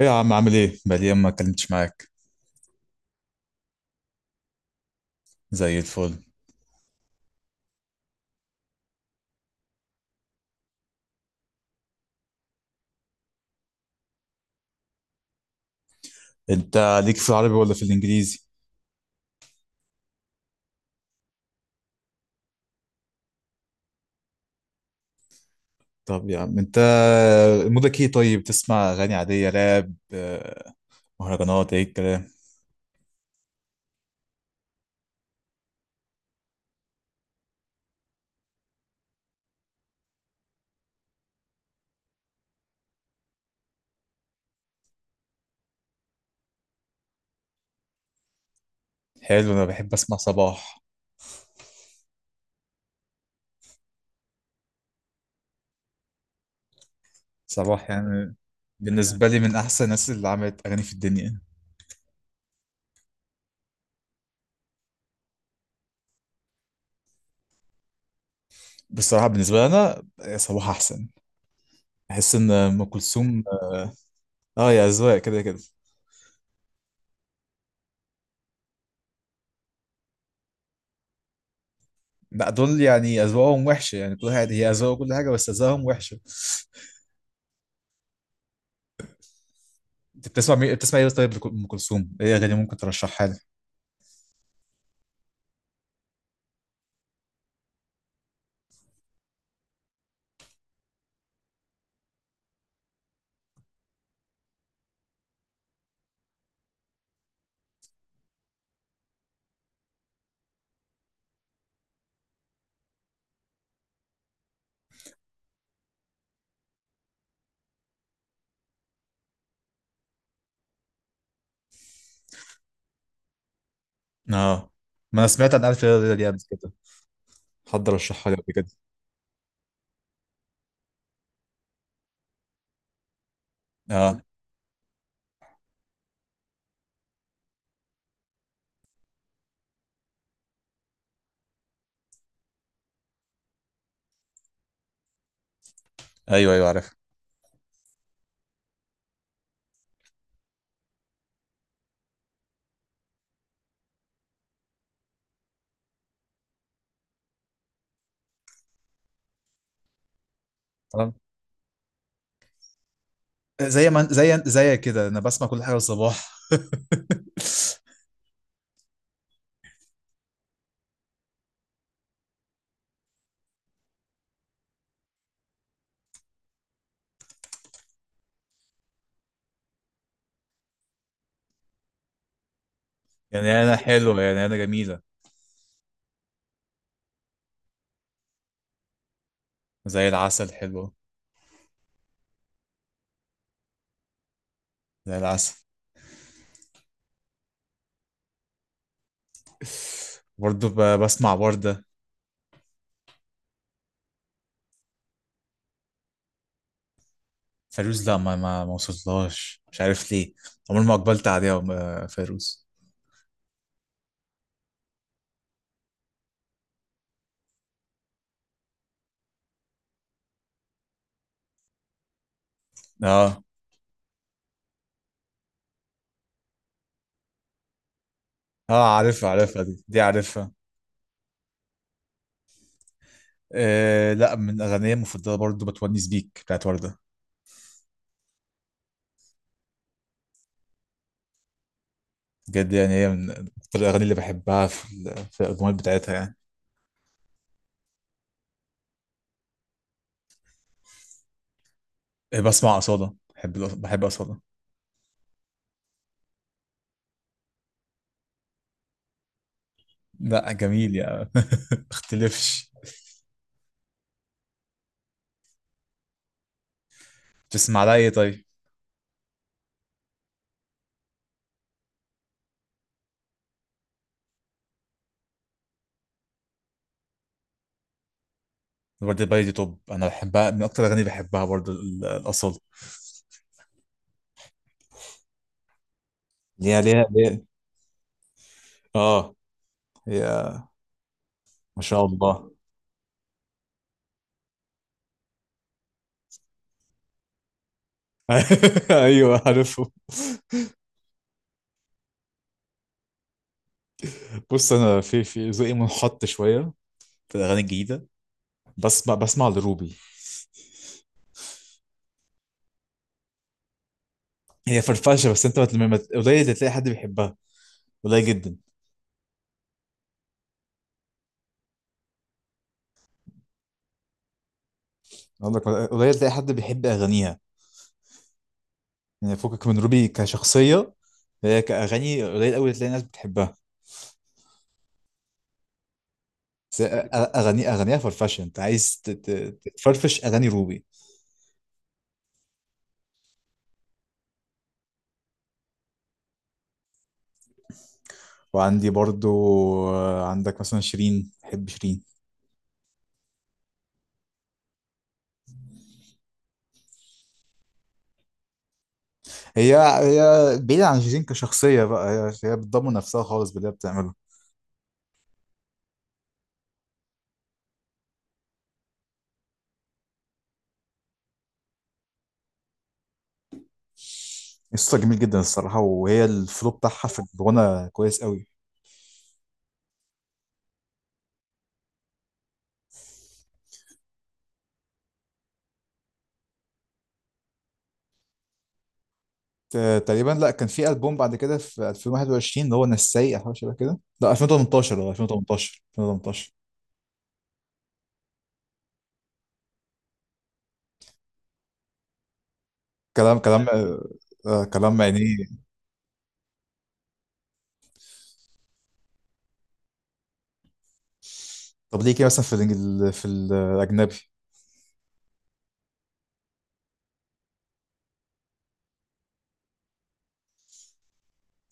ايه يا عم، عامل ايه؟ بقالي يوم ما اتكلمتش معاك. زي الفل. انت ليك في العربي ولا في الانجليزي؟ طب يا عم انت، مودك ايه طيب؟ تسمع اغاني عادية، راب، مهرجانات، ايه الكلام؟ حلو، انا بحب اسمع صباح. صباح، يعني بالنسبة لي من احسن الناس اللي عملت اغاني في الدنيا. بصراحة بالنسبة لي انا، صباح احسن. بحس ان ام كلثوم. اه. يا اذواق، كده كده. لا دول يعني اذواقهم وحشة، يعني كل واحد هي اذواق كل حاجة، بس اذواقهم وحشة. انت بتسمع بتسمع ايه طيب، ام كلثوم، ايه اغاني ممكن ترشحها لي؟ اه، ما انا سمعت عن الف ليله وليله دي قبل كده. حد رشحها لي قبل كده. اه، ايوه ايوه، عارف. تمام. زي ما زي زي كده انا بسمع كل حاجه الصباح. يعني انا حلوه، يعني انا جميله. زي العسل حلوه. زي العسل. برضه بسمع ورده. فيروز، لا ما وصلتلهاش، مش عارف ليه. عمري ما اقبلت عليها فيروز. اه، اه، عارفها عارفها، دي عارفها. آه، لا، من اغانيه المفضله برضه بتونس بيك بتاعت ورده. بجد يعني، هي من اكتر الاغاني اللي بحبها في الاجمال بتاعتها يعني. بسمع اصاله. بحب بحب اصاله. لا جميل يعني. اختلفش. تسمع لها ايه طيب؟ ورده باي دي توب، انا بحبها من اكتر الاغاني اللي بحبها برضه الاصاله. ليها ليها ليها. اه، هي، ما شاء الله. ايوه عارفه. بص انا في ذوقي منحط شويه في الاغاني الجديده. بسمع لروبي. هي فرفشه، بس انت قليل اللي تلاقي حد بيحبها. قليل جدا. اقول لك، قليل تلاقي حد بيحب اغانيها، يعني فكك من روبي كشخصيه. هي كاغاني قليل قوي تلاقي ناس بتحبها. بس اغاني اغانيها فرفشه. انت عايز تفرفش اغاني روبي. وعندي برضو، عندك مثلا شيرين. بحب شيرين. هي بعيدة عن شيرين كشخصية بقى. هي بتضمن نفسها خالص باللي هي بتعمله. قصة جميل جدا الصراحة، وهي الفلو بتاعها في الغنى كويس قوي. تقريبا، لا كان في ألبوم بعد كده في 2021، اللي هو نساي أو حاجة شبه كده. لا 2018. اه 2018، 2018. كلام، كلام، كلام يعني. طب ليه كده مثلا في الأجنبي؟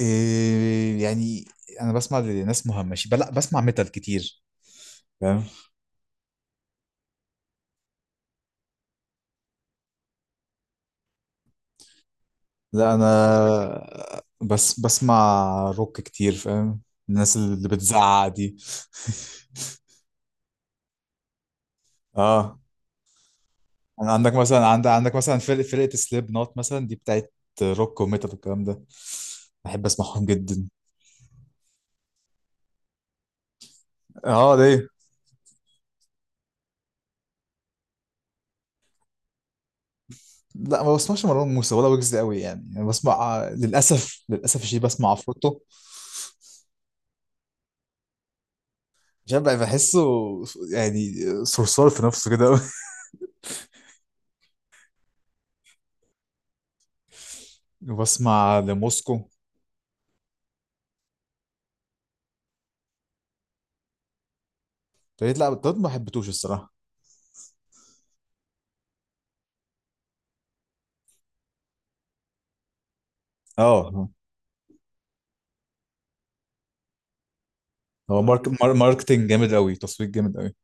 إيه يعني؟ أنا بسمع لناس مهمشة، لا بسمع ميتال كتير، فاهم. لا أنا بس بسمع روك كتير، فاهم، الناس اللي بتزعق دي. اه. يعني عندك مثلا، عندك مثلا فرقة سليب نوت مثلا، دي بتاعت روك وميتال والكلام ده، بحب اسمعهم جدا. اه ليه. لا ما بسمعش مروان موسى ولا ويجز قوي يعني. انا بسمع، للاسف للاسف شيء، بسمع عفروتو. عشان بقى بحسه، يعني، صرصار في نفسه كده قوي. وبسمع لموسكو. فريد، لا ده ما حبيتوش الصراحة. اه، هو ماركتينج جامد قوي، تصوير جامد قوي.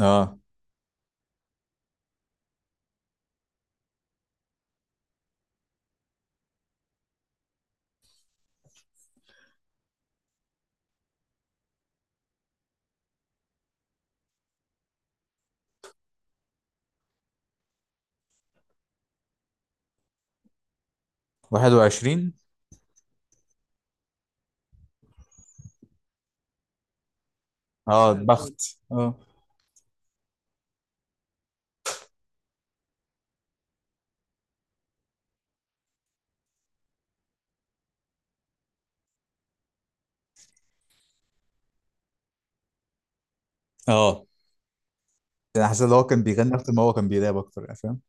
اه، 21. اه بخت. اه، اه، انا حاسس ان هو كان بيغني اكتر ما هو كان بيراب اكتر، يعني فاهم.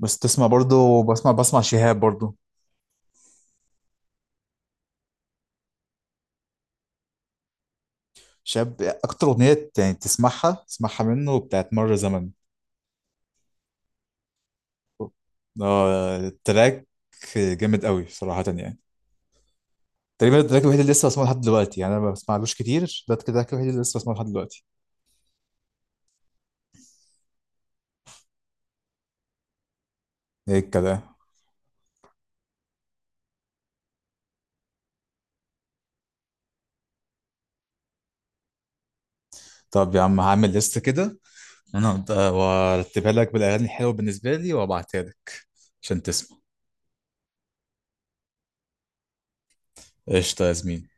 بس تسمع برضه، بسمع شهاب برضه. شهاب اكتر اغنيه يعني تسمعها تسمعها منه بتاعت مر زمن. اه التراك جامد قوي صراحه يعني. تقريبا التراك الوحيد اللي لسه بسمعه لحد دلوقتي، يعني انا ما بسمعلوش كتير، ده التراك الوحيد اللي لسه بسمعه لحد دلوقتي. ايه الكلام؟ طب يا عم هعمل ليست كده انا، وارتبها لك بالاغاني الحلوه بالنسبه لي وابعتها لك عشان تسمع. قشطه يا زميلي.